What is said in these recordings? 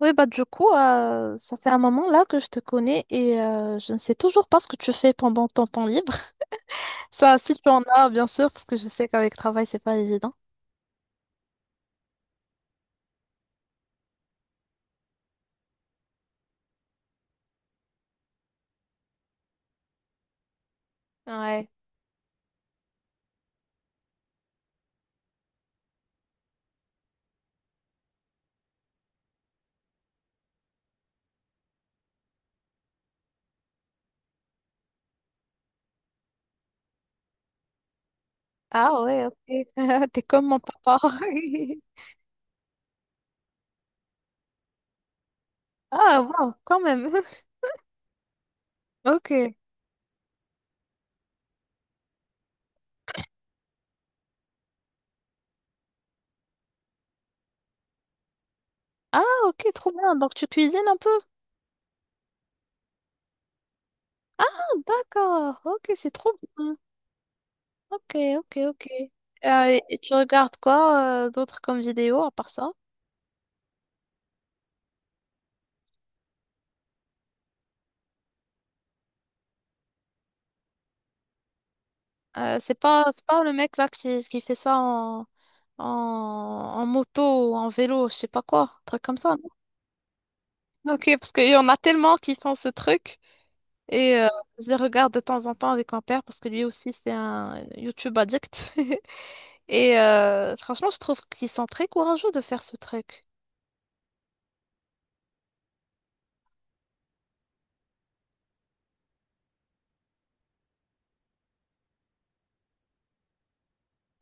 Oui, bah du coup, ça fait un moment là que je te connais et je ne sais toujours pas ce que tu fais pendant ton temps libre. Ça, si tu en as, bien sûr, parce que je sais qu'avec travail, c'est pas évident. Ouais. Ah ouais, ok. T'es comme mon papa. Ah wow, quand même. Ok. Ah ok, trop bien, donc tu cuisines un peu. D'accord. Ok, c'est trop bien. Ok, ok, ok. Et tu regardes quoi d'autre comme vidéo à part ça? C'est pas le mec là qui fait ça en, en moto ou en vélo, je sais pas quoi, un truc comme ça, non? Ok, parce qu'il y en a tellement qui font ce truc et je les regarde de temps en temps avec mon père parce que lui aussi c'est un YouTube addict. Et franchement, je trouve qu'ils sont très courageux de faire ce truc.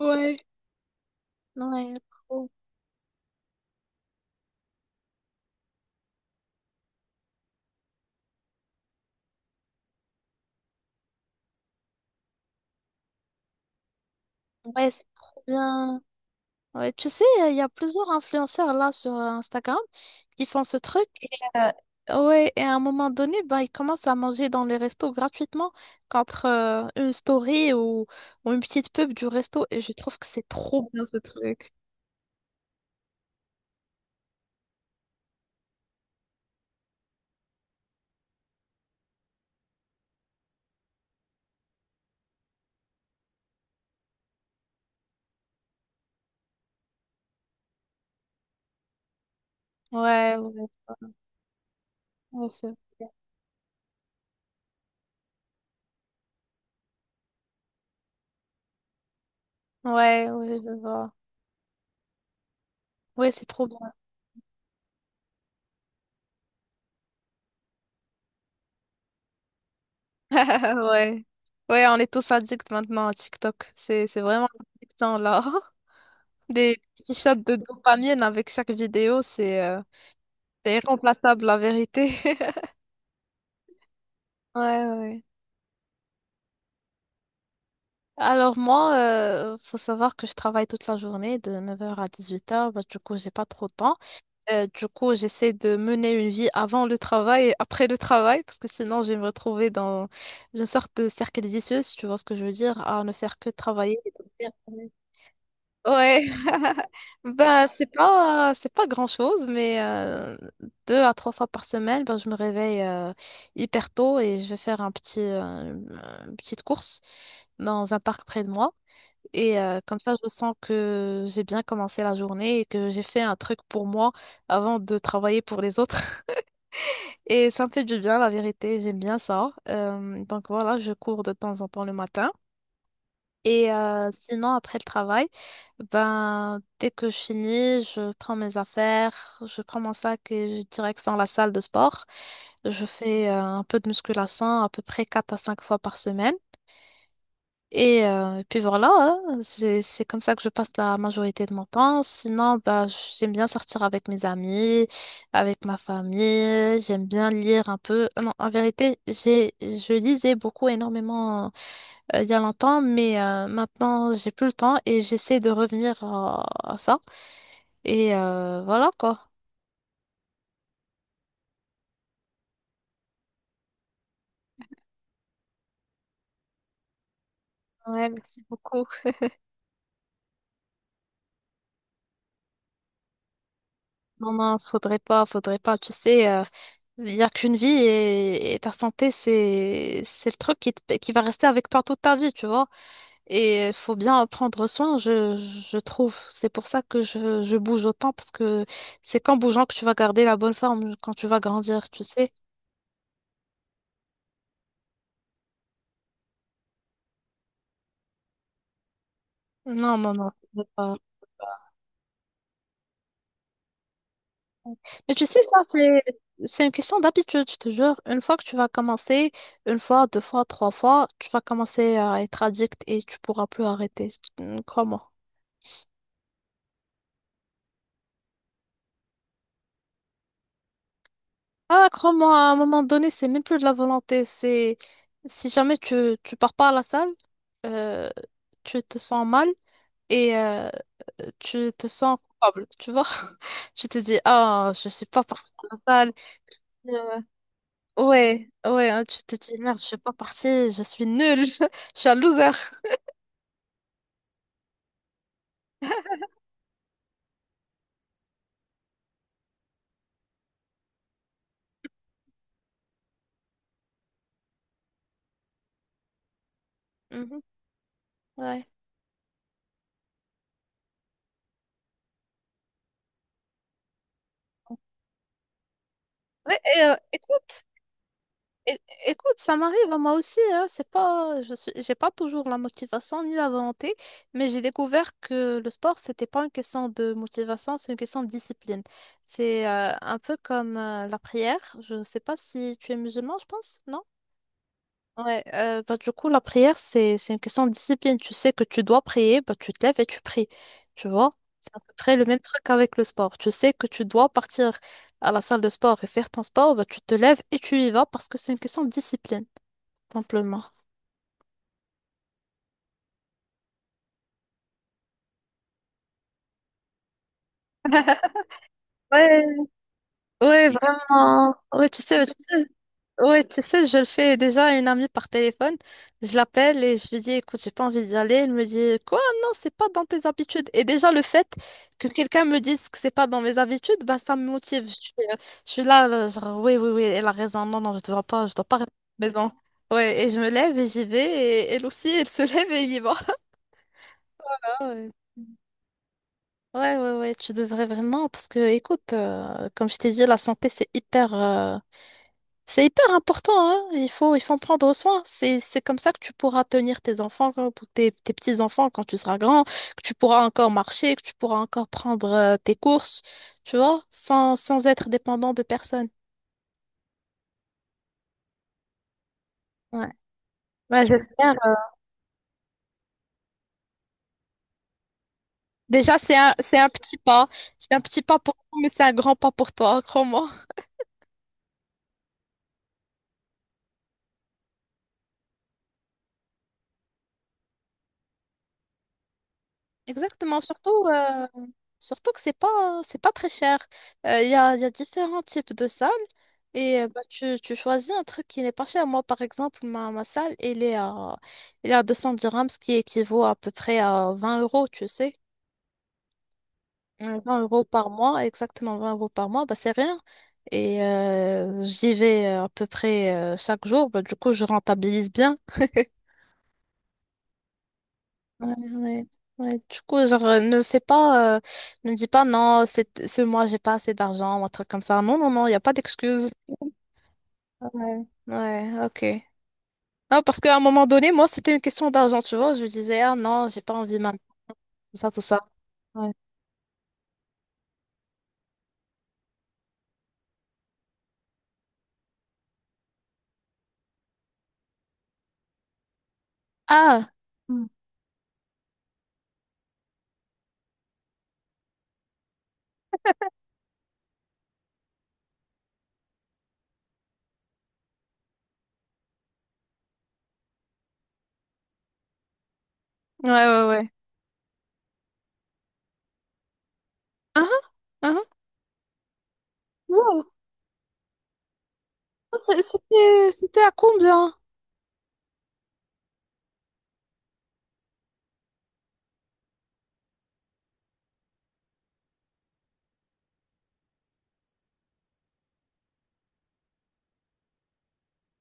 Ouais. Ouais, trop. Ouais, c'est trop bien. Ouais, tu sais, il y a plusieurs influenceurs là sur Instagram. Ils font ce truc et, ouais, et à un moment donné, bah, ils commencent à manger dans les restos gratuitement contre une story ou une petite pub du resto. Et je trouve que c'est trop bien ce truc. Ouais, ouais, ouais, ouais, ouais, je vois. Ouais, c'est trop bien. Ouais. Ouais, on est tous addicts maintenant à TikTok. C'est vraiment addictant là. Des petits shots de dopamine avec chaque vidéo, c'est irremplaçable, la vérité. Ouais, ouais. Alors moi, faut savoir que je travaille toute la journée de 9h à 18h, bah, du coup j'ai pas trop de temps. Du coup j'essaie de mener une vie avant le travail et après le travail, parce que sinon je vais me retrouver dans une sorte de cercle vicieux, si tu vois ce que je veux dire, à ne faire que travailler dormir. Ouais, ben c'est pas grand-chose, mais deux à trois fois par semaine, ben, je me réveille hyper tôt et je vais faire un petit une petite course dans un parc près de moi. Et comme ça, je sens que j'ai bien commencé la journée et que j'ai fait un truc pour moi avant de travailler pour les autres. Et ça me fait du bien, la vérité, j'aime bien ça. Donc voilà, je cours de temps en temps le matin. Et sinon, après le travail, ben, dès que je finis, je prends mes affaires, je prends mon sac et je direction la salle de sport. Je fais un peu de musculation à peu près 4 à 5 fois par semaine. Et puis voilà, hein, c'est comme ça que je passe la majorité de mon temps. Sinon, bah, j'aime bien sortir avec mes amis, avec ma famille. J'aime bien lire un peu. Non, en vérité, j'ai je lisais beaucoup énormément il y a longtemps, mais maintenant j'ai plus le temps et j'essaie de revenir à ça. Et voilà quoi. Ouais, merci beaucoup. Non, non, faudrait pas, faudrait pas. Tu sais, il n'y a qu'une vie et ta santé, c'est le truc qui va rester avec toi toute ta vie, tu vois. Et il faut bien en prendre soin, je trouve. C'est pour ça que je bouge autant, parce que c'est qu'en bougeant que tu vas garder la bonne forme quand tu vas grandir, tu sais. Non, non, non, faudrait pas. Mais tu sais, ça, c'est une question d'habitude, je te jure. Une fois que tu vas commencer, une fois, deux fois, trois fois, tu vas commencer à être addict et tu pourras plus arrêter. Crois-moi. Ah, crois-moi, à un moment donné, c'est même plus de la volonté. C'est si jamais tu pars pas à la salle, euh, tu te sens mal et tu te sens coupable, tu vois? Tu te dis, ah, je suis pas partie à la salle. Euh, ouais, ouais, hein, tu te dis, merde, je suis pas partie, je suis nulle, je suis un loser. Mhm, ouais. Ouais, et, écoute. É- Écoute, ça m'arrive à moi aussi, hein. C'est pas, je suis, j'ai pas toujours la motivation ni la volonté, mais j'ai découvert que le sport, c'était pas une question de motivation, c'est une question de discipline. C'est un peu comme la prière. Je sais pas si tu es musulman, je pense, non? Ouais, bah, du coup, la prière, c'est une question de discipline. Tu sais que tu dois prier, bah, tu te lèves et tu pries. Tu vois? C'est à peu près le même truc avec le sport. Tu sais que tu dois partir à la salle de sport et faire ton sport, bah, tu te lèves et tu y vas parce que c'est une question de discipline simplement. Ouais, ouais, vraiment. Ouais, tu sais, ouais, tu sais, je le fais déjà à une amie par téléphone. Je l'appelle et je lui dis, écoute, j'ai pas envie d'y aller. Elle me dit, quoi? Non, c'est pas dans tes habitudes. Et déjà, le fait que quelqu'un me dise que c'est pas dans mes habitudes, bah, ça me motive. Je suis là, là, genre, oui, oui, oui, elle a raison. Non, non, je dois pas rester à la maison. Ouais, et je me lève et j'y vais. Et elle aussi, elle se lève et elle y va. Ah ouais. Ouais, ouais, ouais, tu devrais vraiment, parce que, écoute, comme je t'ai dit, la santé, c'est hyper important, hein. Il faut en prendre soin. C'est comme ça que tu pourras tenir tes enfants, ou tes, petits-enfants quand tu seras grand, que tu pourras encore marcher, que tu pourras encore prendre, tes courses, tu vois, sans être dépendant de personne. Ouais. Ouais, j'espère. Déjà, c'est un petit pas. C'est un petit pas pour nous, mais c'est un grand pas pour toi, crois-moi. Exactement, Surtout que c'est pas très cher. Il y a différents types de salles et bah, tu choisis un truc qui n'est pas cher. Moi, par exemple, ma salle, elle est à 200 dirhams, ce qui équivaut à peu près à 20 euros, tu sais. 20 € par mois, exactement 20 € par mois, bah, c'est rien. Et j'y vais à peu près chaque jour. Bah, du coup, je rentabilise bien. Ouais, ouais, ouais. Du coup, genre, ne fais pas, ne me dis pas non, c'est, ce mois, j'ai pas assez d'argent ou un truc comme ça. Non, non, non, il n'y a pas d'excuse. Ouais. Ouais, ok. Ah, parce qu'à un moment donné, moi, c'était une question d'argent, tu vois. Je me disais, ah non, j'ai pas envie maintenant, tout ça, tout ça. Ouais. Ah! Hmm. Ouais, ouais, ouais. Ah, ah, ah. Wow. C'était à combien?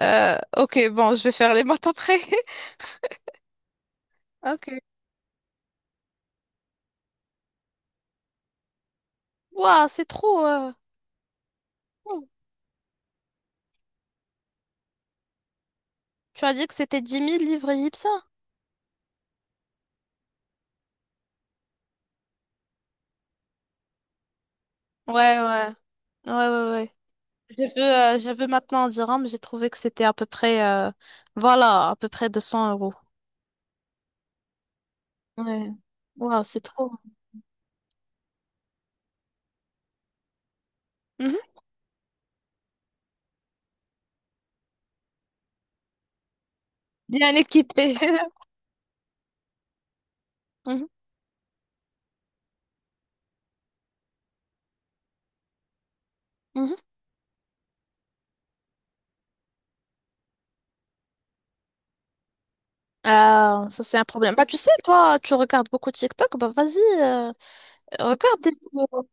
Ok, bon, je vais faire les maths après. Ok. Waouh, c'est trop. Ouh. Tu as dit que c'était 10 000 livres égyptiens? Ouais, ouais. Ouais, ouais, ouais. J'ai vu maintenant en dirham, j'ai trouvé que c'était à peu près, voilà, à peu près 200 euros. Ouais. Waouh, c'est trop. Mhm. Bien équipé. Mhm, mhm. Ah, ça, c'est un problème. Bah, tu sais, toi, tu regardes beaucoup TikTok, bah, vas-y, regarde des vidéos.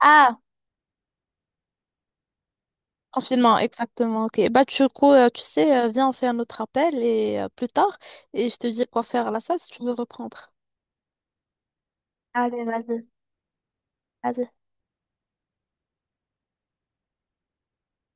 Ah, confinement, exactement, ok. Bah, du coup, tu sais, viens, on fait un autre appel et plus tard, et je te dis quoi faire à la salle si tu veux reprendre. Allez, vas-y. Vas-y.